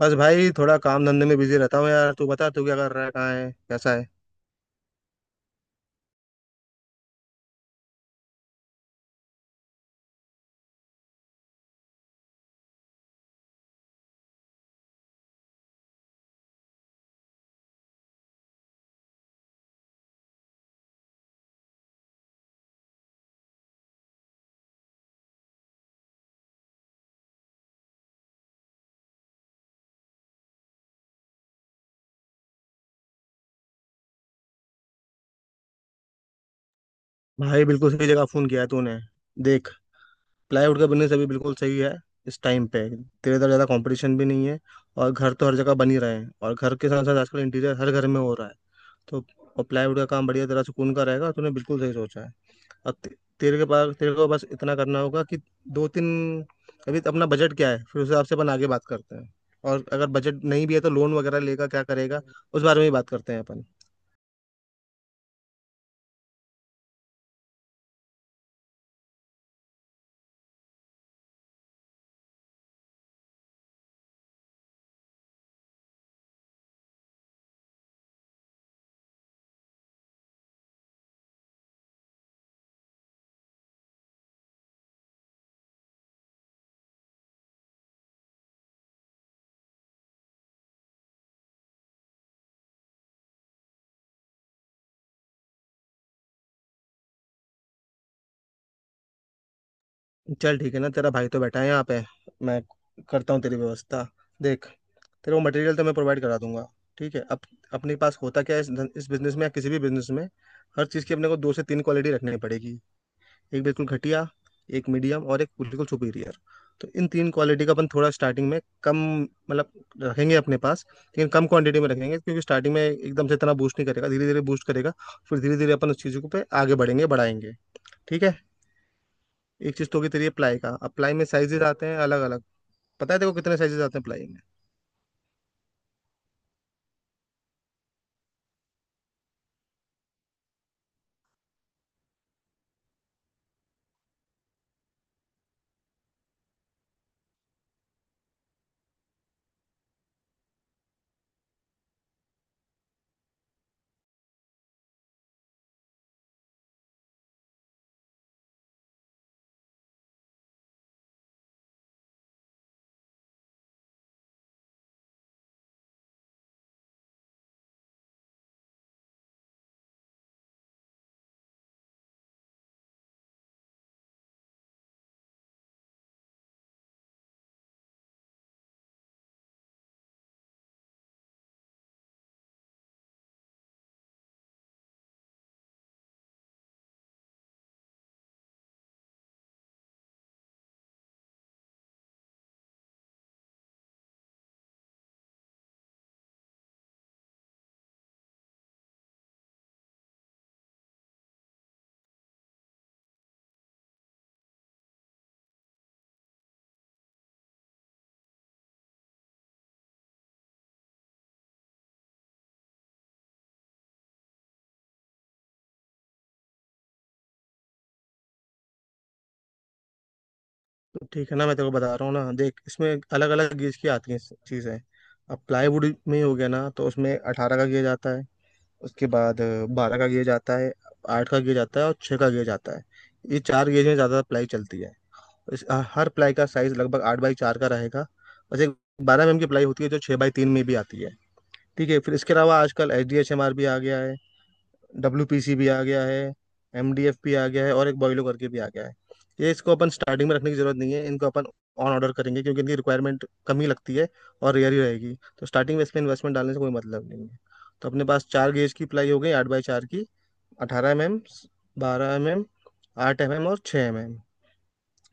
बस भाई थोड़ा काम धंधे में बिजी रहता हूँ यार। तू बता, तू क्या कर रहा है, कहाँ है, कैसा है? भाई, बिल्कुल सही जगह फोन किया है तूने। देख, प्लाईवुड का बिजनेस अभी बिल्कुल सही है। इस टाइम पे तेरे तरह ज्यादा कंपटीशन भी नहीं है। और घर तो हर जगह बन ही रहे हैं, और घर के साथ साथ आजकल इंटीरियर हर घर में हो रहा है। तो और प्लाईवुड का काम बढ़िया तरह सुकून का रहेगा, तूने बिल्कुल सही सोचा है। अब ते- तेरे के पास तेरे को बस इतना करना होगा कि दो तीन, अभी तो अपना बजट क्या है, फिर उस हिसाब से अपन आगे बात करते हैं। और अगर बजट नहीं भी है तो लोन वगैरह लेगा, क्या करेगा, उस बारे में ही बात करते हैं अपन। चल ठीक है ना, तेरा भाई तो बैठा है यहाँ पे। मैं करता हूँ तेरी व्यवस्था। देख, तेरे को मटेरियल तो मैं प्रोवाइड करा दूंगा। ठीक है। अब अपने पास होता क्या है इस बिजनेस में या किसी भी बिजनेस में, हर चीज़ की अपने को दो से तीन क्वालिटी रखनी पड़ेगी। एक बिल्कुल घटिया, एक मीडियम और एक बिल्कुल सुपीरियर। तो इन तीन क्वालिटी का अपन थोड़ा स्टार्टिंग में कम, मतलब रखेंगे अपने पास लेकिन कम क्वांटिटी में रखेंगे, क्योंकि स्टार्टिंग में एकदम से इतना बूस्ट नहीं करेगा, धीरे धीरे बूस्ट करेगा। फिर धीरे धीरे अपन उस चीज़ों को पे आगे बढ़ेंगे, बढ़ाएंगे। ठीक है। एक चीज तो होगी तेरी प्लाई का। अब प्लाई में साइजेस आते हैं अलग अलग। पता है तेरे को कितने साइजेस आते हैं प्लाई में? तो ठीक है ना, मैं तेरे को बता रहा हूँ ना। देख, इसमें अलग अलग गेज की आती हैं चीजें। अब प्लाईवुड में हो गया ना, तो उसमें 18 का गेज आता है। उसके बाद 12 का गेज आता है, 8 का गेज आता है और 6 का गेज आता है। ये 4 गेज में ज्यादा प्लाई चलती है। हर प्लाई का साइज लगभग 8 बाई 4 का रहेगा। बस एक 12 mm की प्लाई होती है जो 6 बाई 3 में भी आती है। ठीक है। फिर इसके अलावा आजकल HDHMR भी आ गया है, WPC भी आ गया है, MDF भी आ गया है और एक बॉयलो करके भी आ गया है। ये इसको अपन स्टार्टिंग में रखने की जरूरत नहीं है, इनको अपन ऑन ऑर्डर करेंगे, क्योंकि इनकी रिक्वायरमेंट कम ही लगती है और रेयर ही रहेगी। तो स्टार्टिंग में इसमें इन्वेस्टमेंट डालने से कोई मतलब नहीं है। तो अपने पास 4 गेज की प्लाई हो गई 8 बाई 4 की— 18 mm, 12 mm, 8 mm और 6 mm।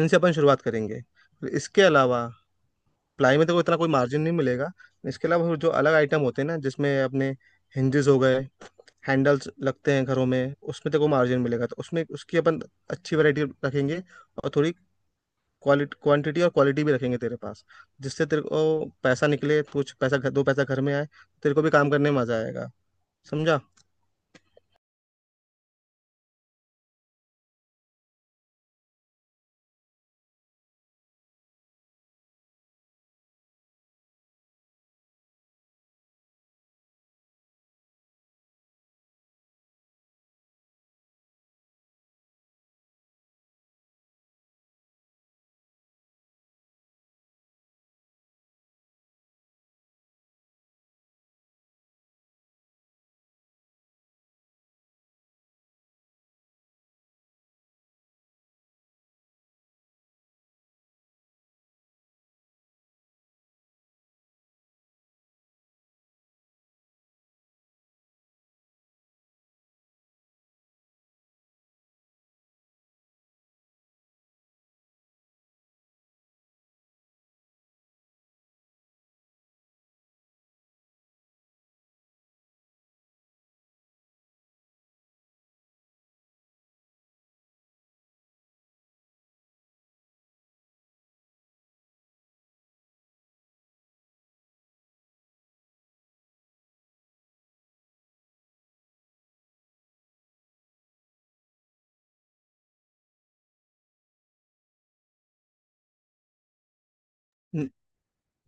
इनसे अपन शुरुआत करेंगे। इसके अलावा प्लाई में तो इतना कोई मार्जिन नहीं मिलेगा। इसके अलावा जो अलग आइटम होते हैं ना, जिसमें अपने हिंजेस हो गए, हैंडल्स लगते हैं घरों में, उसमें तेरे को मार्जिन मिलेगा। तो उसमें उसकी अपन अच्छी वैरायटी रखेंगे, और थोड़ी क्वालिटी क्वांटिटी और क्वालिटी भी रखेंगे तेरे पास, जिससे तेरे को पैसा निकले, कुछ पैसा दो पैसा घर में आए, तेरे को भी काम करने में मजा आएगा। समझा?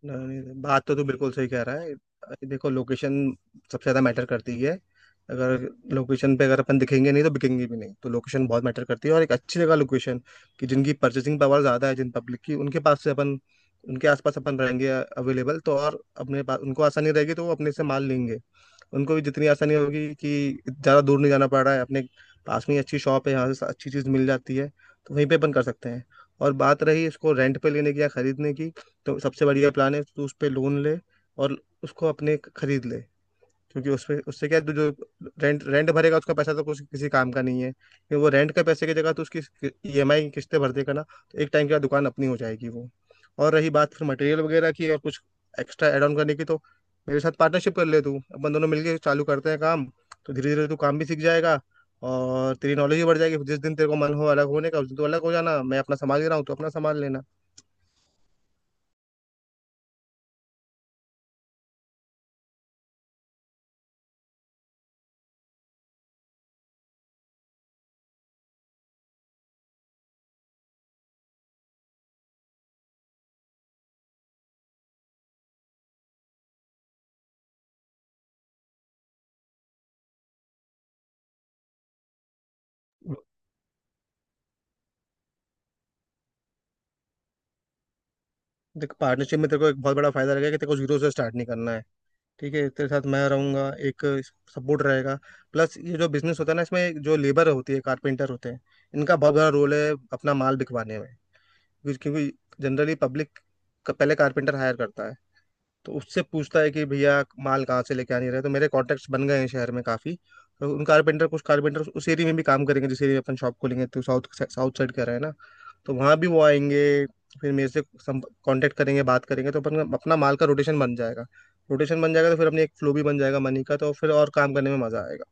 नहीं नहीं, बात तो तू बिल्कुल सही कह रहा है। देखो, लोकेशन सबसे ज्यादा मैटर करती है। अगर लोकेशन पे अगर अपन दिखेंगे नहीं तो बिकेंगे भी नहीं, तो लोकेशन बहुत मैटर करती है। और एक अच्छी जगह लोकेशन, कि जिनकी परचेसिंग पावर ज्यादा है जिन पब्लिक की, उनके पास से अपन, उनके आसपास अपन रहेंगे अवेलेबल, तो और अपने पास उनको आसानी रहेगी तो वो अपने से माल लेंगे। उनको भी जितनी आसानी होगी कि ज्यादा दूर नहीं जाना पड़ रहा है, अपने पास में ही अच्छी शॉप है, यहाँ से अच्छी चीज मिल जाती है, तो वहीं पे अपन कर सकते हैं। और बात रही इसको रेंट पे लेने की या खरीदने की, तो सबसे बढ़िया प्लान है तू उस पे लोन ले और उसको अपने खरीद ले। क्योंकि उसपे उससे क्या है, तू जो रेंट रेंट भरेगा उसका पैसा तो कुछ किसी काम का नहीं है, क्योंकि वो रेंट के पैसे की जगह तो उसकी EMI की किस्तें भर देगा ना। तो एक टाइम के बाद दुकान अपनी हो जाएगी वो। और रही बात फिर मटेरियल वगैरह की और कुछ एक्स्ट्रा ऐड ऑन करने की, तो मेरे साथ पार्टनरशिप कर ले। तू अपन दोनों मिलके चालू करते हैं काम, तो धीरे धीरे तू काम भी सीख जाएगा और तेरी नॉलेज भी बढ़ जाएगी। जिस दिन तेरे को मन हो अलग होने का उस दिन तो अलग हो जाना, मैं अपना संभाल ही रहा हूँ तो अपना संभाल लेना। देख, पार्टनरशिप में तेरे को एक बहुत बड़ा फायदा रहेगा कि तेरे को जीरो से स्टार्ट नहीं करना है। ठीक है, तेरे साथ मैं रहूंगा, एक सपोर्ट रहेगा। प्लस ये जो बिजनेस होता है ना, इसमें जो लेबर होती है, कारपेंटर होते हैं, इनका बहुत बड़ा रोल है अपना माल बिकवाने में। क्योंकि क्योंकि जनरली पब्लिक का पहले कारपेंटर हायर करता है। तो उससे पूछता है कि भैया माल कहाँ से लेके आने रहे, तो मेरे कॉन्टेक्ट्स बन गए हैं शहर में काफ़ी। तो उन कारपेंटर, कुछ कारपेंटर उस एरिया में भी काम करेंगे जिस एरिया में अपन शॉप खोलेंगे, तो साउथ साउथ साइड का रहे हैं ना, तो वहां भी वो आएंगे, फिर मेरे से कांटेक्ट करेंगे, बात करेंगे, तो अपना माल का रोटेशन बन जाएगा। रोटेशन बन जाएगा तो फिर अपनी एक फ्लो भी बन जाएगा मनी का, तो फिर और काम करने में मजा आएगा।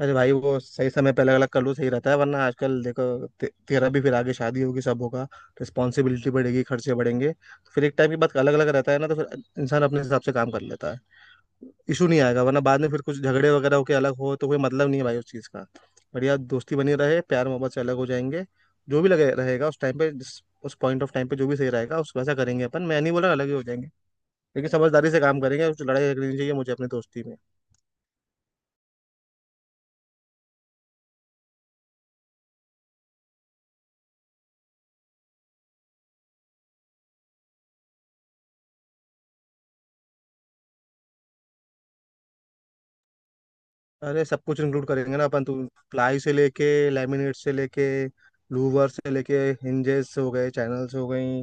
अरे भाई, वो सही समय पे अलग अलग कर लो सही रहता है, वरना आजकल देखो तेरा भी फिर आगे शादी होगी, सब होगा, रिस्पॉन्सिबिलिटी बढ़ेगी, खर्चे बढ़ेंगे, तो फिर एक टाइम के बाद अलग अलग रहता है ना, तो फिर इंसान अपने हिसाब से काम कर लेता है। इशू नहीं आएगा, वरना बाद में फिर कुछ झगड़े वगैरह होके अलग हो तो कोई मतलब नहीं है भाई उस चीज़ का। बढ़िया दोस्ती बनी रहे, प्यार मोहब्बत से अलग हो जाएंगे। जो भी लगे रहेगा उस टाइम पे, जिस उस पॉइंट ऑफ टाइम पे जो भी सही रहेगा उस वैसा करेंगे अपन। मैं नहीं बोला अलग ही हो जाएंगे, लेकिन समझदारी से काम करेंगे, कुछ लड़ाई झगड़ी नहीं चाहिए मुझे अपनी दोस्ती में। अरे सब कुछ इंक्लूड करेंगे ना अपन तो— प्लाई से लेके, लैमिनेट से लेके, लूवर से लेके, हिंजेस हो गए, चैनल्स हो गई,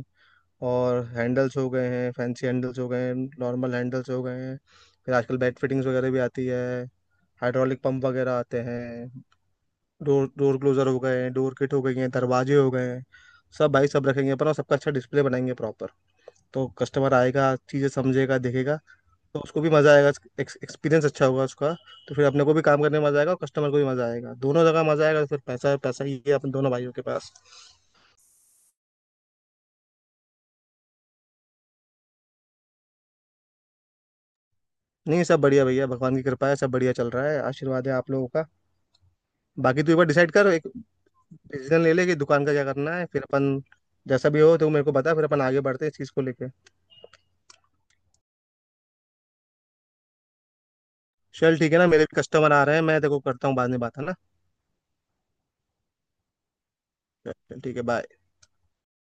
और हैंडल्स हो गए हैं, फैंसी हैंडल्स हो गए हैं, नॉर्मल हैंडल्स हो गए हैं, फिर आजकल बेड फिटिंग्स वगैरह भी आती है, हाइड्रोलिक पंप वगैरह आते हैं, डोर डोर क्लोजर हो गए हैं, डोर किट हो गई हैं, दरवाजे हो गए हैं, सब। भाई सब रखेंगे अपन और सबका अच्छा डिस्प्ले बनाएंगे प्रॉपर। तो कस्टमर आएगा, चीज़ें समझेगा, देखेगा, तो उसको भी मज़ा आएगा, एक्सपीरियंस अच्छा होगा उसका। तो फिर अपने को भी काम करने में मज़ा आएगा और कस्टमर को भी मज़ा आएगा, दोनों जगह मज़ा आएगा, तो फिर पैसा पैसा ही है अपन दोनों भाइयों के पास। नहीं, सब बढ़िया भैया, भगवान की कृपा है, सब बढ़िया चल रहा है, आशीर्वाद है आप लोगों का। बाकी तू एक बार डिसाइड कर, एक डिसीजन ले ले कि दुकान का क्या करना है, फिर अपन जैसा भी हो तो मेरे को बता, फिर अपन आगे बढ़ते हैं इस चीज़ को लेके। चल ठीक है ना, मेरे भी कस्टमर आ रहे हैं, मैं देखो करता हूँ, बाद में बात है ना। चल ठीक है, बाय।